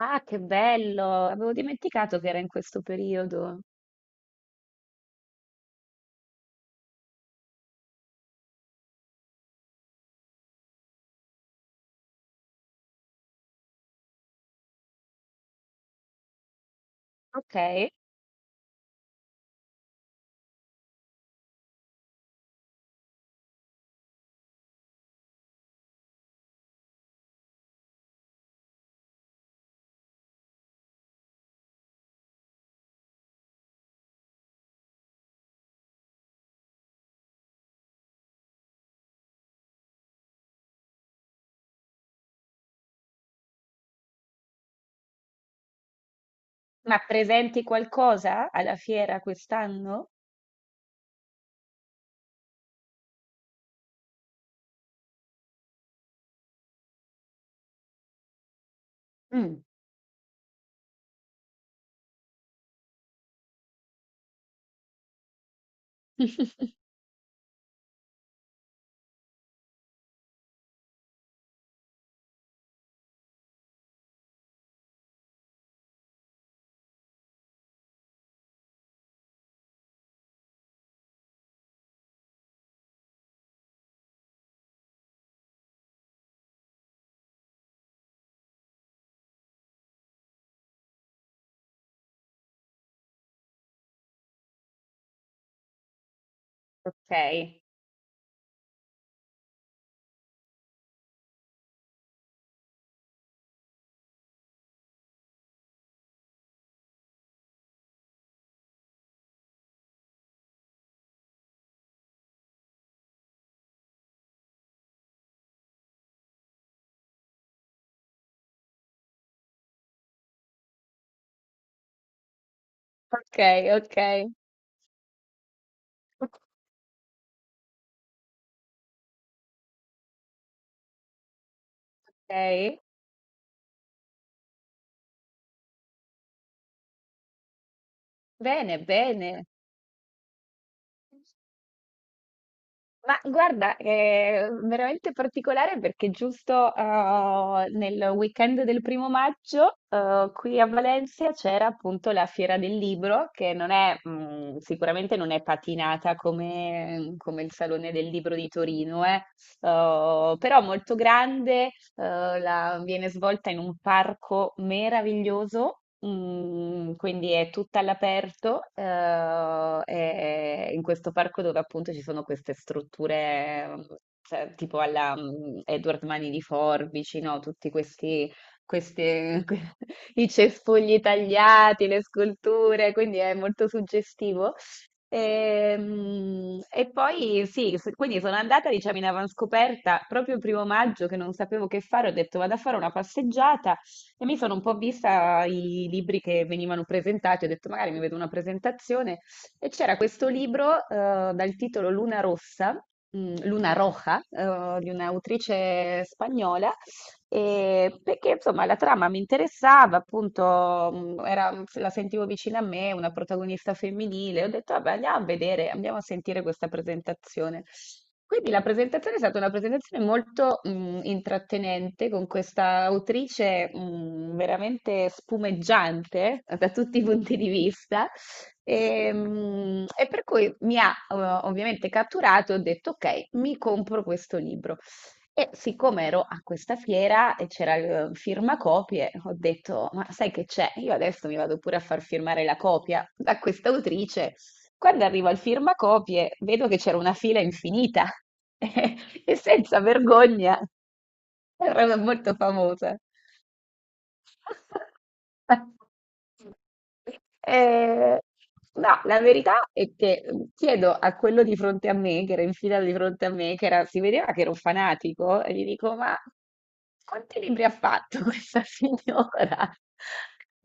Ah, che bello! Avevo dimenticato che era in questo periodo. Ok, ma presenti qualcosa alla fiera quest'anno? Mm. Ok, ok, ok, ok. Bene, bene. Ma guarda, è veramente particolare perché giusto nel weekend del primo maggio qui a Valencia c'era appunto la Fiera del Libro, che non è, mm, sicuramente non è patinata come, come il Salone del Libro di Torino, però molto grande, viene svolta in un parco meraviglioso. Mm, quindi è tutta all'aperto, è in questo parco dove appunto ci sono queste strutture, mm, cioè, tipo alla Edward Mani di Forbici, no? Tutti questi, queste- i cespugli tagliati, le sculture, quindi è molto suggestivo. E poi sì, quindi sono andata, diciamo, in avanscoperta proprio il primo maggio che non sapevo che fare, ho detto vado a fare una passeggiata e mi sono un po' vista i libri che venivano presentati, ho detto magari mi vedo una presentazione e c'era questo libro dal titolo Luna Rossa, mm, Luna Roja, di un'autrice spagnola e perché insomma la trama mi interessava, appunto, la sentivo vicina a me, una protagonista femminile. Ho detto, vabbè, andiamo a vedere, andiamo a sentire questa presentazione. Quindi la presentazione è stata una presentazione molto intrattenente con questa autrice veramente spumeggiante da tutti i punti di vista. E e per cui mi ha ovviamente catturato e ho detto: Ok, mi compro questo libro. E siccome ero a questa fiera e c'era il firmacopie, ho detto, ma sai che c'è? Io adesso mi vado pure a far firmare la copia da questa autrice. Quando arrivo al firmacopie, vedo che c'era una fila infinita e senza vergogna, era molto famosa. Eh, no, la verità è che mm, chiedo a quello di fronte a me, che era in fila di fronte a me, si vedeva che era un fanatico, e gli dico: Ma quanti libri ha fatto questa signora?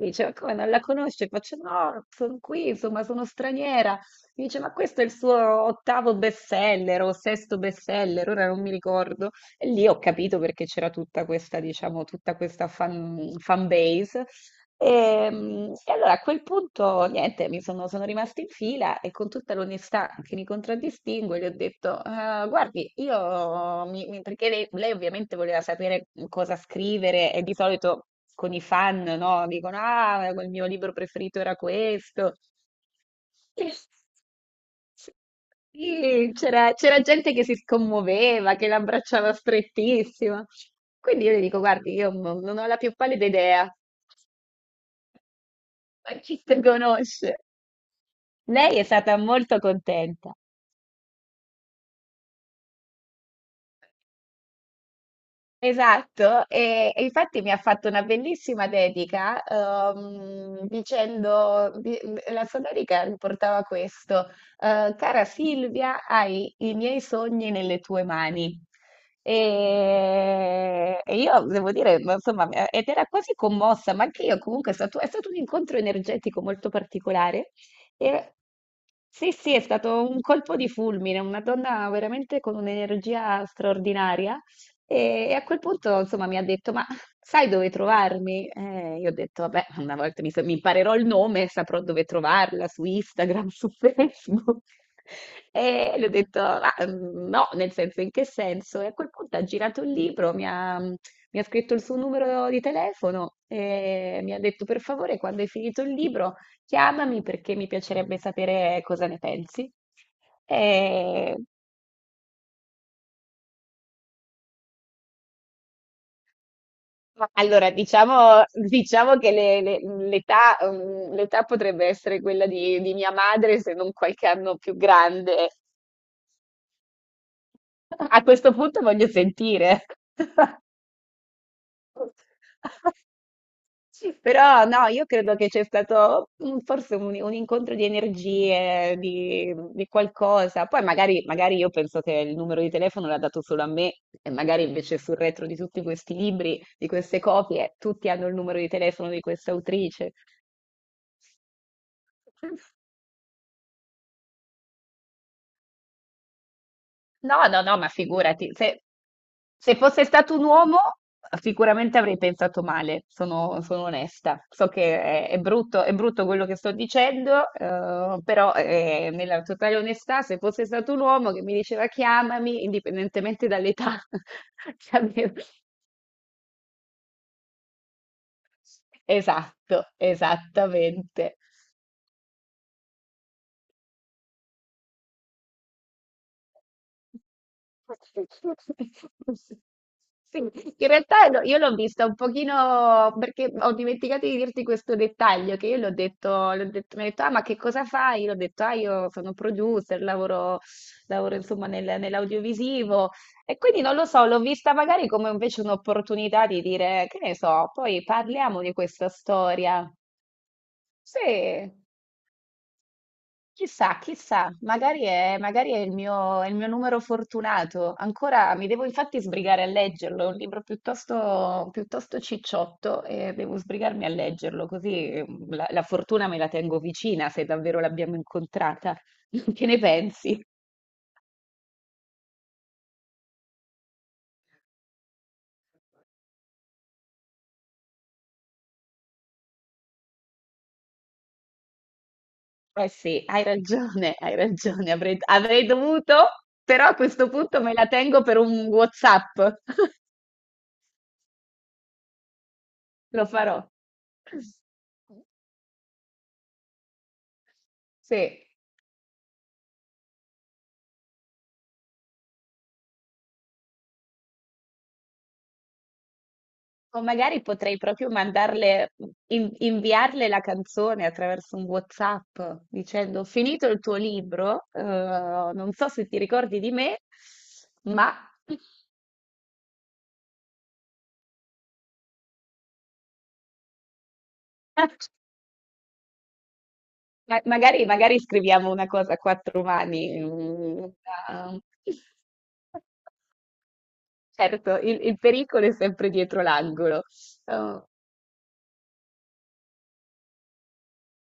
Mi dice, ma come non la conosce? Faccio, no, sono qui, insomma, sono straniera. Mi dice, ma questo è il suo ottavo bestseller o sesto bestseller, ora non mi ricordo. E lì ho capito perché c'era tutta questa, diciamo, tutta questa fan base e mm, e allora a quel punto, niente, sono rimasta in fila e con tutta l'onestà che mi contraddistingue gli ho detto: "Ah, guardi, io perché lei ovviamente voleva sapere cosa scrivere, e di solito con i fan, no, dicono: Ah, il mio libro preferito era questo. Sì, c'era gente che si scommuoveva, che l'abbracciava strettissima. Quindi io le dico, guardi, io non ho la più pallida idea. Ma chi te conosce? Lei è stata molto contenta. Esatto, e infatti mi ha fatto una bellissima dedica dicendo, la sua dedica riportava questo, cara Silvia, hai i miei sogni nelle tue mani. E e io devo dire, ma insomma, ed era quasi commossa, ma anche io comunque è stato un incontro energetico molto particolare. E sì, sì, è stato un colpo di fulmine, una donna veramente con un'energia straordinaria. E e a quel punto, insomma, mi ha detto: Ma sai dove trovarmi? Io ho detto: Vabbè, una volta mi imparerò il nome, saprò dove trovarla su Instagram, su Facebook. E le ho detto: "Ma mm, no, nel senso, in che senso?" E a quel punto ha girato il libro, mi ha scritto il suo numero di telefono e mi ha detto: Per favore, quando hai finito il libro, chiamami perché mi piacerebbe sapere cosa ne pensi. E ma allora, diciamo, diciamo che l'età mm, l'età potrebbe essere quella di mia madre, se non qualche anno più grande. A questo punto voglio sentire. Però no, io credo che c'è stato mm, forse un incontro di energie, di qualcosa. Poi magari, magari io penso che il numero di telefono l'ha dato solo a me e magari invece sul retro di tutti questi libri, di queste copie, tutti hanno il numero di telefono di questa autrice. No, no, no, ma figurati, se, se fosse stato un uomo, sicuramente avrei pensato male, sono, sono onesta. So che è brutto quello che sto dicendo, però nella totale onestà, se fosse stato un uomo che mi diceva chiamami, indipendentemente dall'età, che avevo- esatto, esattamente. Sì, in realtà no, io l'ho vista un pochino perché ho dimenticato di dirti questo dettaglio che l'ho detto, mi ha detto, ah, ma che cosa fai? Io l'ho detto, ah, io sono producer, lavoro, lavoro insomma nell'audiovisivo e quindi non lo so, l'ho vista magari come invece un'opportunità di dire, che ne so, poi parliamo di questa storia. Sì. Chissà, chissà, magari è il mio numero fortunato. Ancora mi devo infatti sbrigare a leggerlo, è un libro piuttosto, piuttosto cicciotto e devo sbrigarmi a leggerlo, così la fortuna me la tengo vicina se davvero l'abbiamo incontrata. Che ne pensi? Eh sì, hai ragione, avrei, avrei dovuto, però a questo punto me la tengo per un WhatsApp. Lo farò. Sì. O magari potrei proprio mandarle, inviarle la canzone attraverso un WhatsApp dicendo: Ho finito il tuo libro, non so se ti ricordi di me, ma magari, magari scriviamo una cosa a quattro mani. Mm, una- certo, il pericolo è sempre dietro l'angolo. Eh,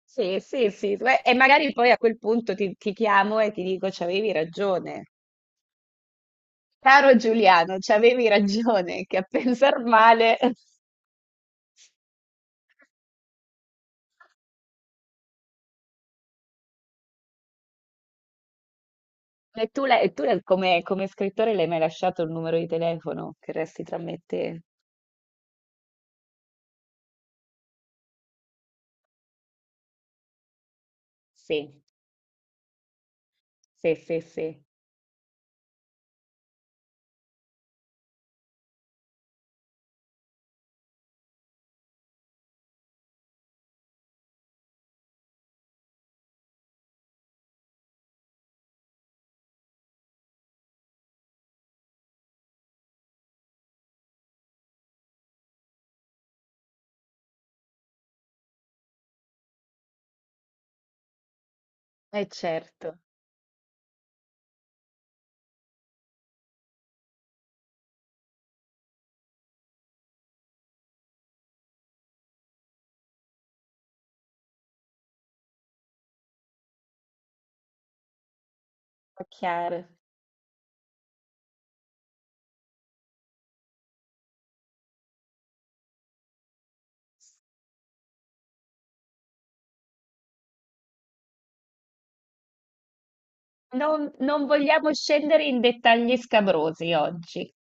sì, sì, sì. Beh, e magari poi a quel punto ti chiamo e ti dico: C'avevi ragione. Caro Giuliano, c'avevi ragione che a pensar male... E tu, come, come scrittore l'hai mai lasciato il numero di telefono che resti tra me e te? Sì, sì, sì, sì. Eh certo. È chiaro. Non, non vogliamo scendere in dettagli scabrosi oggi.